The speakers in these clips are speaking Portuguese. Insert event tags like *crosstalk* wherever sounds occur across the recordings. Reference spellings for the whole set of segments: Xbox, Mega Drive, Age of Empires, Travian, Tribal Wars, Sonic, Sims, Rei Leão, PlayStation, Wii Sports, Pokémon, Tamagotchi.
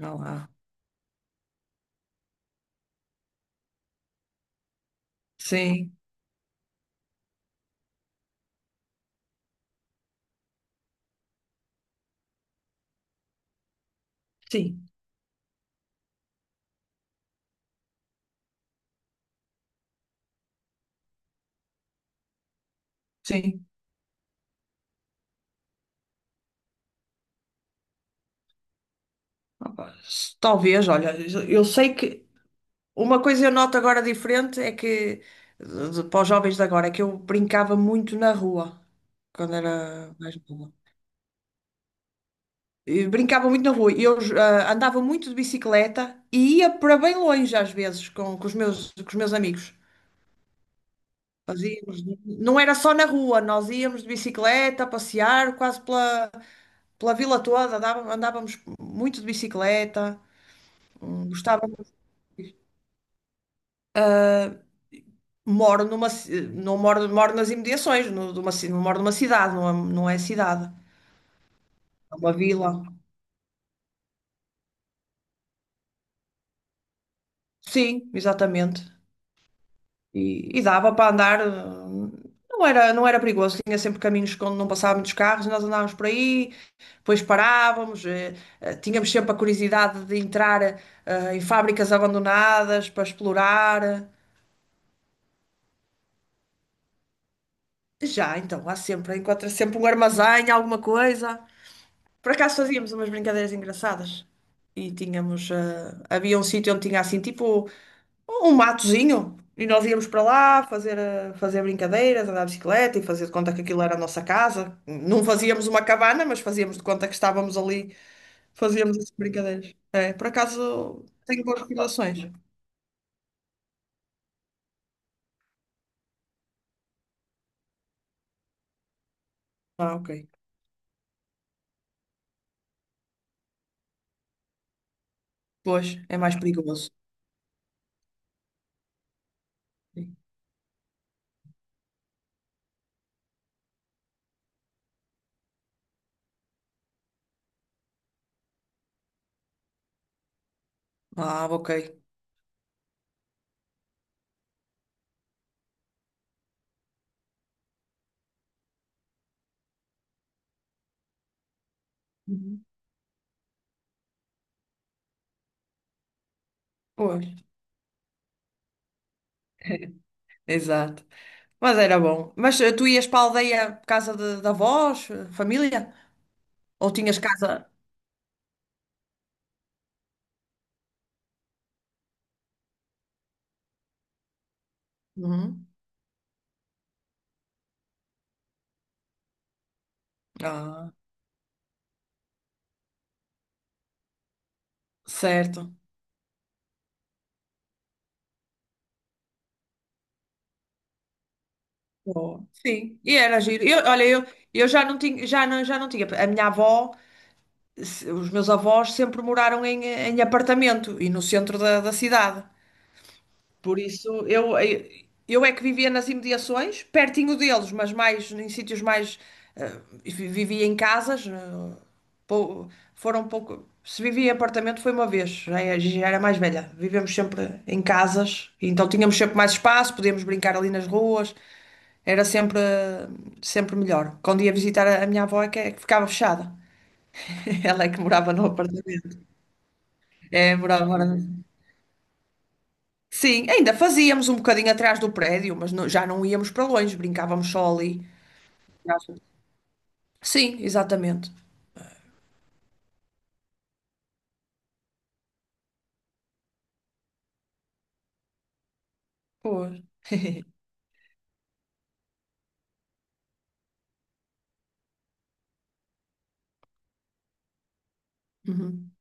Olha lá. Sim, sim, sim. Opa, talvez, olha, eu sei que uma coisa eu noto agora diferente é que, para os jovens de agora, é que eu brincava muito na rua quando era mais nova. E brincava muito na rua e eu andava muito de bicicleta e ia para bem longe às vezes com os meus amigos. Nós íamos, não era só na rua, nós íamos de bicicleta passear quase pela vila toda, andávamos muito de bicicleta. Gostava muito de ir. Moro numa, ci- não moro, moro nas imediações, não moro numa cidade, não é, não é cidade, é uma vila. Sim, exatamente. E dava para andar, não era perigoso, tinha sempre caminhos onde não passavam muitos carros, nós andávamos por aí, depois parávamos, tínhamos sempre a curiosidade de entrar em fábricas abandonadas para explorar. Já, então, há sempre, encontra sempre um armazém, alguma coisa. Por acaso fazíamos umas brincadeiras engraçadas e tínhamos, havia um sítio onde tinha assim tipo um matozinho e nós íamos para lá fazer, fazer brincadeiras, andar de bicicleta e fazer de conta que aquilo era a nossa casa. Não fazíamos uma cabana, mas fazíamos de conta que estávamos ali, fazíamos essas brincadeiras. É, por acaso tenho boas recordações. Ah, ok. Pois, é mais perigoso. Sim. Ah, ok. Uhum. Pois. *laughs* Exato. Mas era bom. Mas tu ias para a aldeia por casa de avós, família? Ou tinhas casa? Uhum. Ah, certo. Boa. Sim, e era giro. Eu, olha, eu já não tinha, já não tinha. A minha avó, os meus avós sempre moraram em apartamento e no centro da cidade. Por isso, eu é que vivia nas imediações, pertinho deles, mas mais em sítios mais. eh, Vivia em casas. Pou- Foram pouco. Se vivia em apartamento foi uma vez, já já era mais velha. Vivemos sempre em casas, então tínhamos sempre mais espaço, podíamos brincar ali nas ruas, era sempre, sempre melhor. Quando ia visitar a minha avó, é que ficava fechada. *laughs* Ela é que morava no apartamento. É, morava, morava. Sim, ainda fazíamos um bocadinho atrás do prédio, mas já não íamos para longe, brincávamos só ali. Sim, exatamente. Pois. Uhum.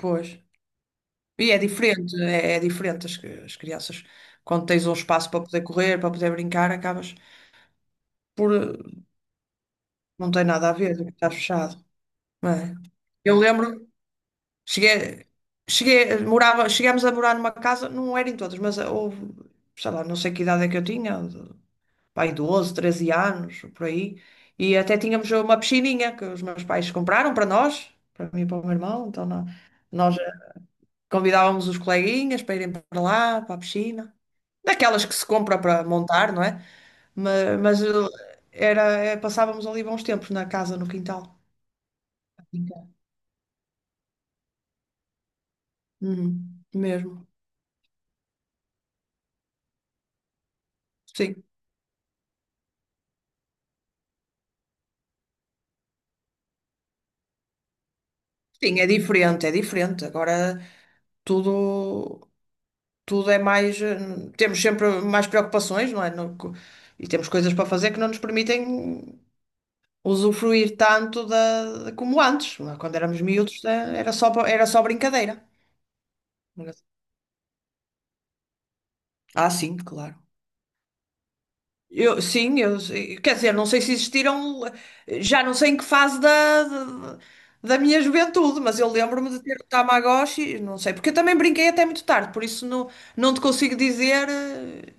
Pois. E é diferente, é diferente as, as crianças. Quando tens um espaço para poder correr, para poder brincar, acabas por. Não tem nada a ver, estás fechado, não é? Eu lembro, cheguei, chegámos a morar numa casa, não eram todas, mas houve, sei lá, não sei que idade é que eu tinha, pai, 12, 13 anos, por aí. E até tínhamos uma piscininha que os meus pais compraram para nós, para mim e para o meu irmão. Então nós convidávamos os coleguinhas para irem para lá, para a piscina. Daquelas que se compra para montar, não é? Mas, passávamos ali bons tempos na casa, no quintal. Uhum, mesmo. Sim. Sim, é diferente, é diferente. Agora tudo. tudo é mais. Temos sempre mais preocupações, não é? E temos coisas para fazer que não nos permitem usufruir tanto como antes, não é? Quando éramos miúdos, era só brincadeira. Ah, sim, claro. Eu, sim, quer dizer, não sei se existiram, já não sei em que fase da minha juventude, mas eu lembro-me de ter o Tamagotchi, não sei, porque eu também brinquei até muito tarde, por isso não te consigo dizer.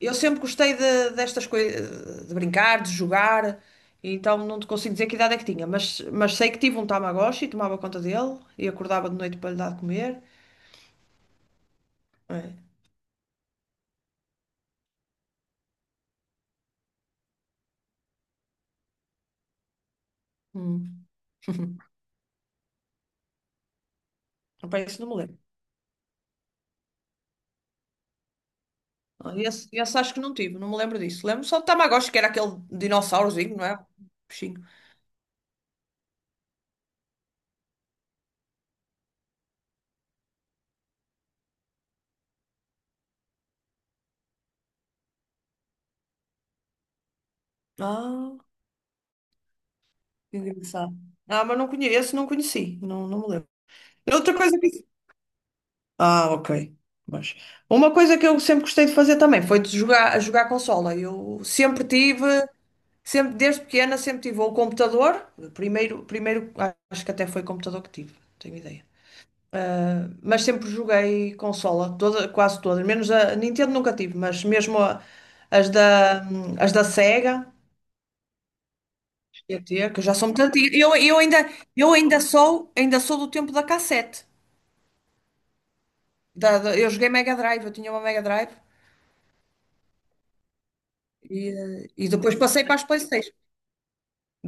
Eu sempre gostei destas coisas, de brincar, de jogar, então não te consigo dizer que idade é que tinha, mas, sei que tive um Tamagotchi, tomava conta dele e acordava de noite para lhe dar de comer. É. Hum. *laughs* Opa, esse não me lembro. Ah, esse acho que não tive, não me lembro disso. Lembro só do Tamagotchi, que era aquele dinossaurozinho, não é? Bichinho. Ah, que engraçado. Ah, mas não conheço, não conheci, não me lembro. Outra coisa que... Ah, ok. Mas uma coisa que eu sempre gostei de fazer também foi de a jogar consola. Eu sempre tive, sempre desde pequena, sempre tive ou o computador, primeiro acho que até foi computador que tive, não tenho ideia. Mas sempre joguei consola, toda, quase todas, menos a Nintendo nunca tive, mas mesmo as da, as da Sega, GT, que já são muito antigas. Eu ainda sou do tempo da cassete. Eu joguei Mega Drive, eu tinha uma Mega Drive. E depois passei para as PlayStation.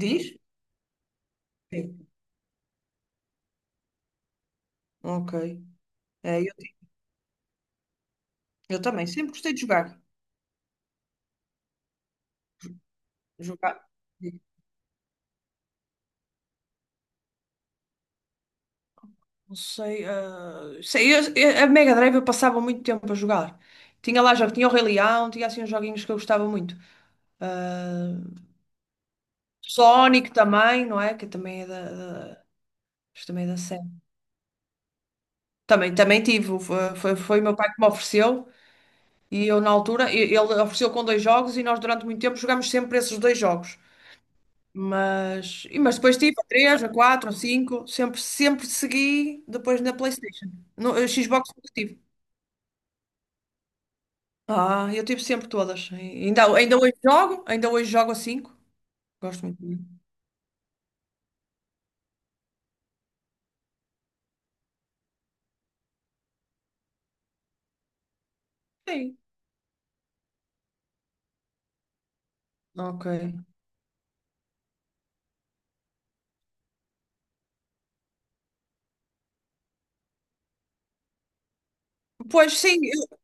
Diz? Sim. Ok. É, eu também sempre gostei de jogar. Jogar. Não sei, a Mega Drive eu passava muito tempo a jogar. Tinha lá jogos, tinha o Rei Leão, tinha assim uns joguinhos que eu gostava muito. Ah, Sonic também, não é? Que também é da- isto também é da série. Também, também tive, o- foi, foi, foi o meu pai que me ofereceu e eu na altura, ele ofereceu com dois jogos e nós durante muito tempo jogámos sempre esses dois jogos. Mas depois tive a 3, a quatro, a 5 sempre, segui depois na PlayStation. No, a Xbox nunca tive. Ah, eu tive sempre todas. Ainda hoje jogo a cinco. Gosto muito. Sim. Ok. Pois sim, eu,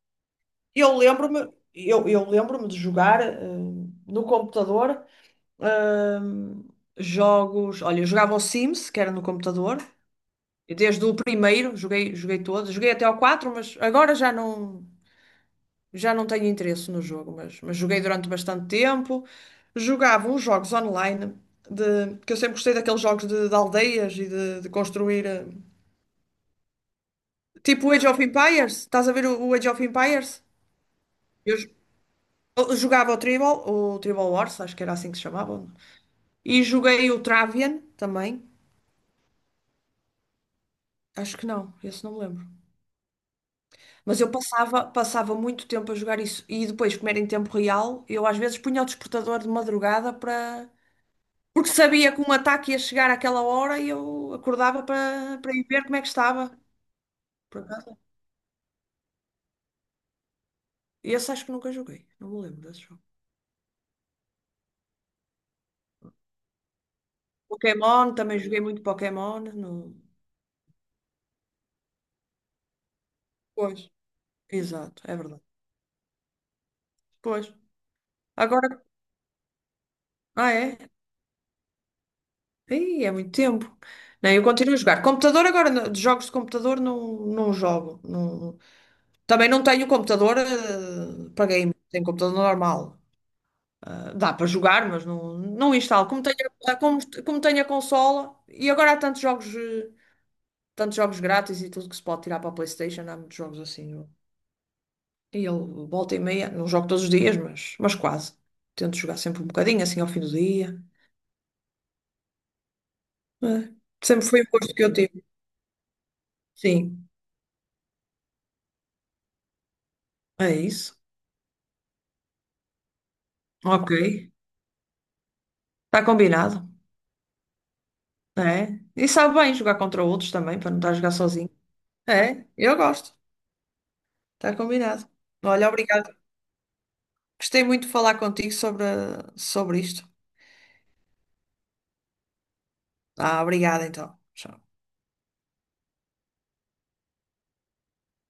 eu lembro-me, eu, eu lembro-me de jogar no computador ehm, jogos. Olha, eu jogava o Sims, que era no computador. E desde o primeiro, joguei todos, joguei até ao quatro, mas agora já não. Já não tenho interesse no jogo, mas joguei durante bastante tempo. Jogava uns jogos online, que eu sempre gostei daqueles jogos de aldeias e de construir. Tipo o Age of Empires. Estás a ver o Age of Empires? Eu eu jogava o Tribal Wars, acho que era assim que se chamava. E joguei o Travian também. Acho que não, esse não me lembro. Mas eu passava muito tempo a jogar isso. E depois, como era em tempo real, eu às vezes punha o despertador de madrugada para... Porque sabia que um ataque ia chegar àquela hora e eu acordava para ir ver como é que estava. Por acaso, esse acho que nunca joguei, não me lembro desse jogo. Pokémon, também joguei muito Pokémon. No... Pois. Exato, é verdade. Pois. Agora, ah é? Ih, é muito tempo. Não, eu continuo a jogar. Computador agora, de jogos de computador não jogo. Também não tenho computador para game, tenho computador normal. Ah, dá para jogar, mas não instalo. Como tenho a consola, e agora há tantos jogos, tantos jogos grátis e tudo que se pode tirar para a PlayStation, há muitos jogos assim. E ele volta e meia, não jogo todos os dias, mas, quase. Tento jogar sempre um bocadinho, assim ao fim do dia. É, sempre foi o gosto que eu tive. Sim, é isso. Ok. Está combinado. É. E sabe bem jogar contra outros também, para não estar a jogar sozinho. É, eu gosto. Está combinado. Olha, obrigada. Gostei muito de falar contigo sobre isto. Ah, obrigada então. Tchau.